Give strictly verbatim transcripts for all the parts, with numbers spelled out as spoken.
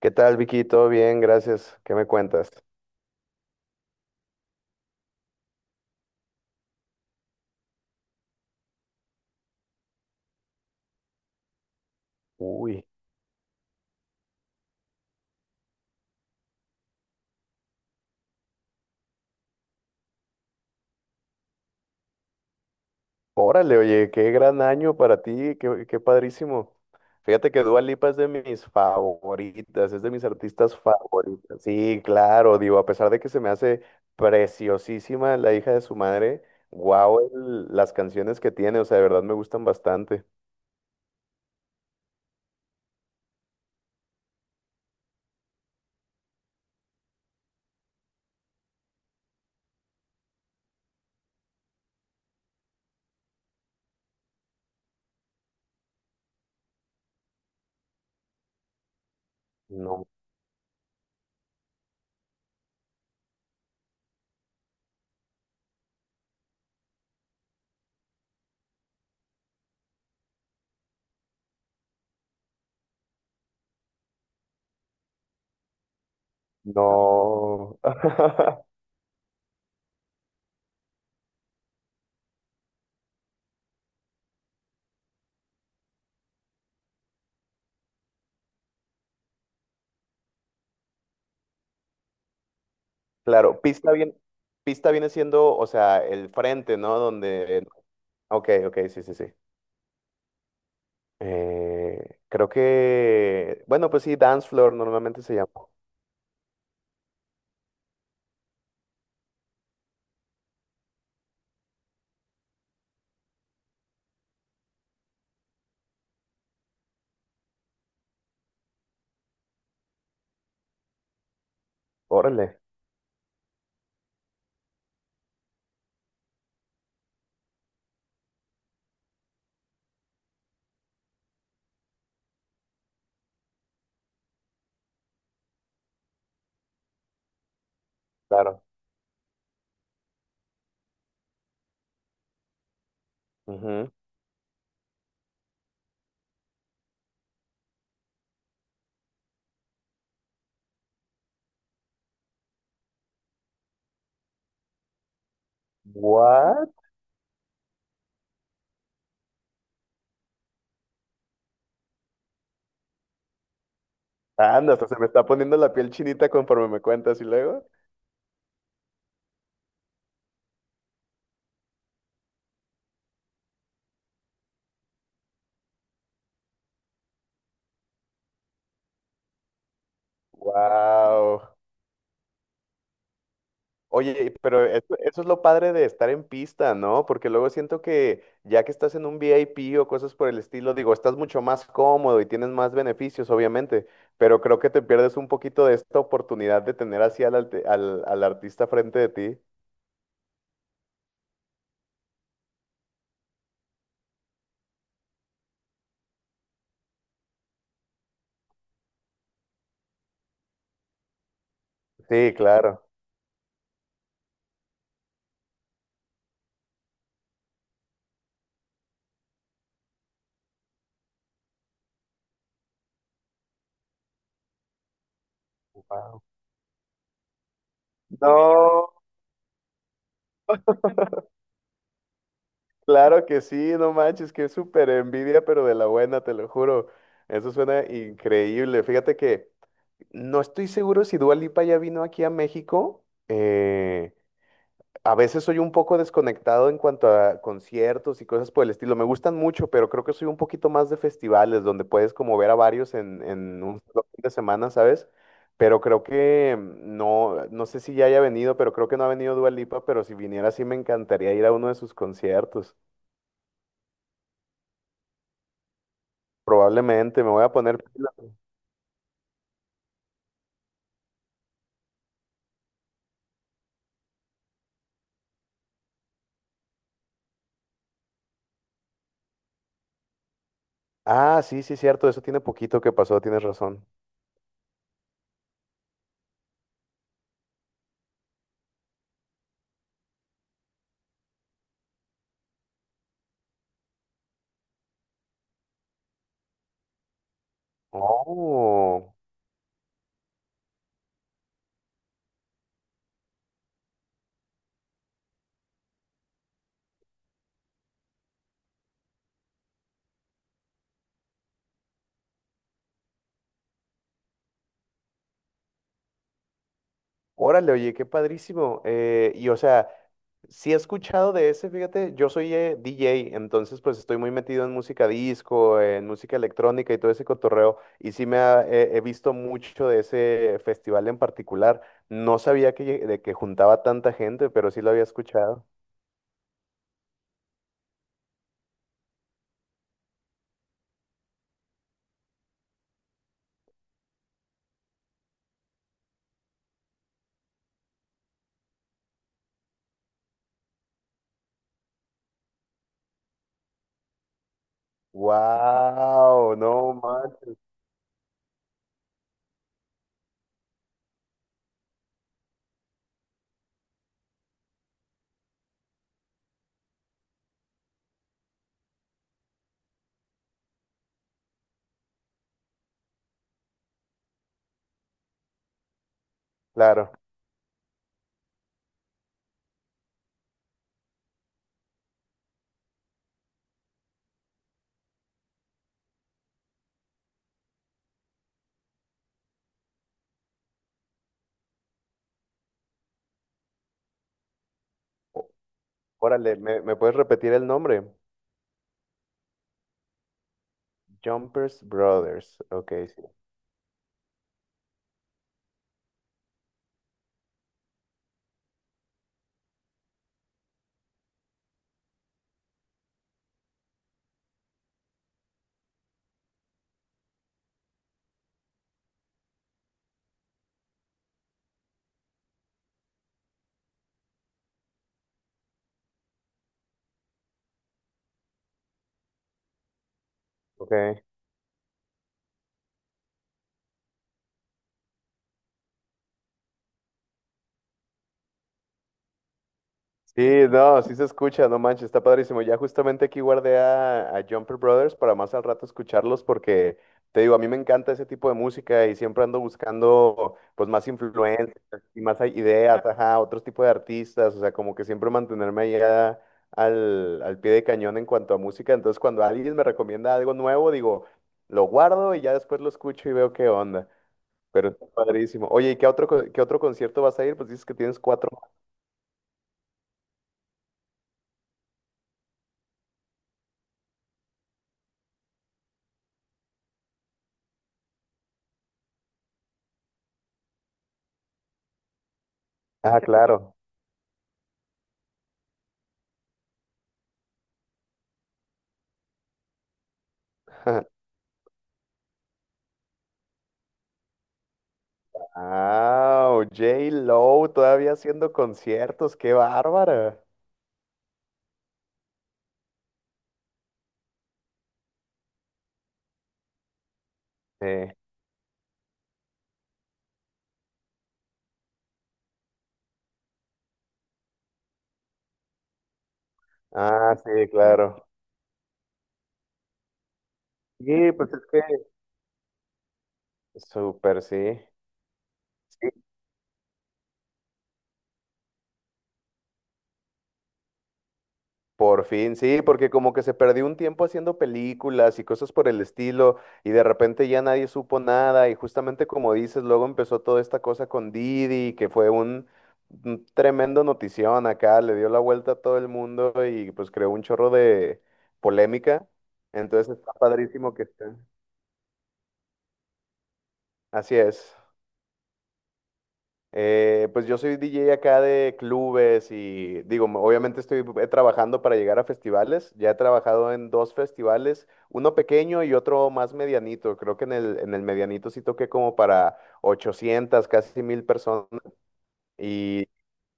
¿Qué tal, Vicky? ¿Todo bien? Gracias. ¿Qué me cuentas? Uy, órale, oye, qué gran año para ti, qué, qué padrísimo. Fíjate que Dua Lipa es de mis favoritas, es de mis artistas favoritas. Sí, claro, digo, a pesar de que se me hace preciosísima la hija de su madre, wow, las canciones que tiene, o sea, de verdad me gustan bastante. No, no. Claro, pista bien, pista viene siendo, o sea, el frente, ¿no? Donde, ok, ok, sí, sí, sí. Eh, creo que, bueno, pues sí, Dance Floor normalmente se llama. Órale, claro. Ujú. What? Anda, hasta se me está poniendo la piel chinita conforme me cuentas y luego. Wow. Oye, pero eso, eso es lo padre de estar en pista, ¿no? Porque luego siento que ya que estás en un V I P o cosas por el estilo, digo, estás mucho más cómodo y tienes más beneficios, obviamente, pero creo que te pierdes un poquito de esta oportunidad de tener así al, alte- al, al artista frente de ti. Sí, claro. No, claro que sí, no manches, que es súper envidia, pero de la buena, te lo juro. Eso suena increíble. Fíjate que no estoy seguro si Dua Lipa ya vino aquí a México. Eh, a veces soy un poco desconectado en cuanto a conciertos y cosas por el estilo. Me gustan mucho, pero creo que soy un poquito más de festivales, donde puedes como ver a varios en, en un solo fin de semana, ¿sabes? Pero creo que mm, no, no sé si ya haya venido, pero creo que no ha venido Dua Lipa, pero si viniera sí me encantaría ir a uno de sus conciertos. Probablemente me voy a poner pilas. Ah, sí, sí, cierto, eso tiene poquito que pasó, tienes razón. Oh, órale, oye, qué padrísimo. Eh, y o sea, sí he escuchado de ese, fíjate, yo soy eh, D J, entonces pues estoy muy metido en música disco, en música electrónica y todo ese cotorreo, y sí me ha- he he visto mucho de ese festival en particular. No sabía que, lle- de que juntaba tanta gente, pero sí lo había escuchado. Wow, no manches. Claro. Órale, ¿me, ¿me puedes repetir el nombre? Jumpers Brothers. Ok, sí. Ok. Sí, no, sí se escucha, no manches, está padrísimo. Ya justamente aquí guardé a, a Jumper Brothers para más al rato escucharlos porque te digo, a mí me encanta ese tipo de música y siempre ando buscando pues más influencias y más hay- ideas, ajá, otros tipos de artistas, o sea, como que siempre mantenerme allá al, al pie de cañón en cuanto a música. Entonces, cuando alguien me recomienda algo nuevo, digo, lo guardo y ya después lo escucho y veo qué onda. Pero está padrísimo. Oye, ¿y qué otro, co- qué otro concierto vas a ir? Pues dices que tienes cuatro. Ah, claro. Ah, J-Lo todavía haciendo conciertos, qué bárbara. Sí. Ah, sí, claro. Sí, pues es que súper, sí. Sí, por fin, sí, porque como que se perdió un tiempo haciendo películas y cosas por el estilo, y de repente ya nadie supo nada, y justamente como dices, luego empezó toda esta cosa con Didi, que fue un, un tremendo notición acá, le dio la vuelta a todo el mundo y pues creó un chorro de polémica, entonces está padrísimo que esté. Así es. Eh, pues yo soy D J acá de clubes y digo, m- obviamente estoy eh, trabajando para llegar a festivales. Ya he trabajado en dos festivales, uno pequeño y otro más medianito. Creo que en el, en el medianito sí toqué como para ochocientas, casi mil personas. Y,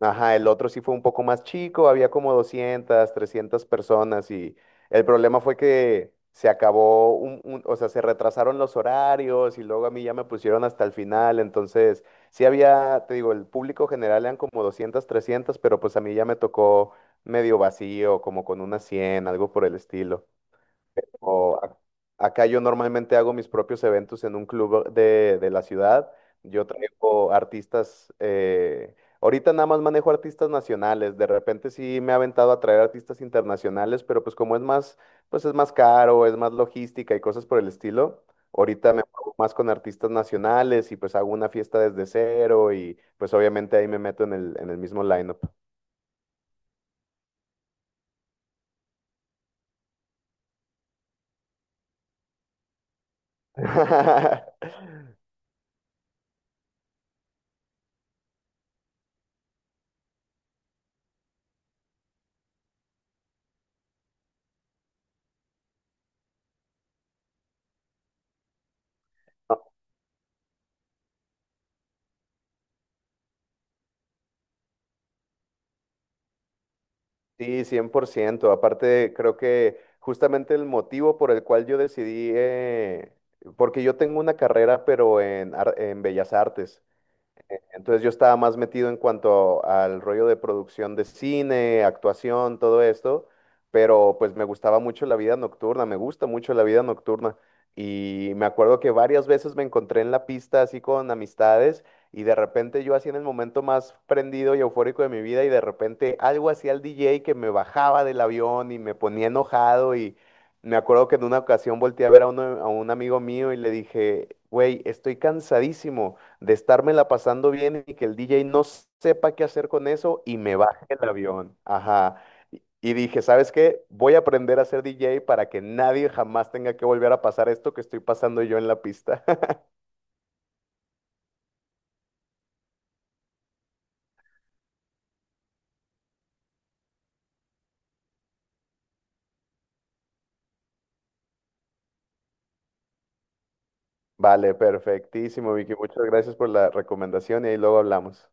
ajá, el otro sí fue un poco más chico, había como doscientas trescientas personas y el problema fue que se acabó, un, un- o sea, se retrasaron los horarios y luego a mí ya me pusieron hasta el final, entonces sí había, te digo, el público general eran como doscientas trescientas pero pues a mí ya me tocó medio vacío, como con unas cien algo por el estilo. O ac- Acá yo normalmente hago mis propios eventos en un club de, de la ciudad. Yo traigo artistas, eh, ahorita nada más manejo artistas nacionales. De repente sí me he aventado a traer artistas internacionales, pero pues como es más, pues es más caro, es más logística y cosas por el estilo. Ahorita me muevo más con artistas nacionales y pues hago una fiesta desde cero y pues obviamente ahí me meto en el, en el mismo lineup. Sí, cien por ciento. Aparte, creo que justamente el motivo por el cual yo decidí, eh, porque yo tengo una carrera, pero en, ar- en Bellas Artes. Entonces yo estaba más metido en cuanto al rollo de producción de cine, actuación, todo esto, pero pues me gustaba mucho la vida nocturna, me gusta mucho la vida nocturna. Y me acuerdo que varias veces me encontré en la pista así con amistades y de repente yo así en el momento más prendido y eufórico de mi vida y de repente algo hacía el D J que me bajaba del avión y me ponía enojado y me acuerdo que en una ocasión volteé a ver a, uno- a un amigo mío y le dije, güey, estoy cansadísimo de estármela pasando bien y que el D J no sepa qué hacer con eso y me baje el avión. Ajá. Y y dije, ¿sabes qué? Voy a aprender a ser D J para que nadie jamás tenga que volver a pasar esto que estoy pasando yo en la pista. Vale, perfectísimo, Vicky. Muchas gracias por la recomendación y ahí luego hablamos.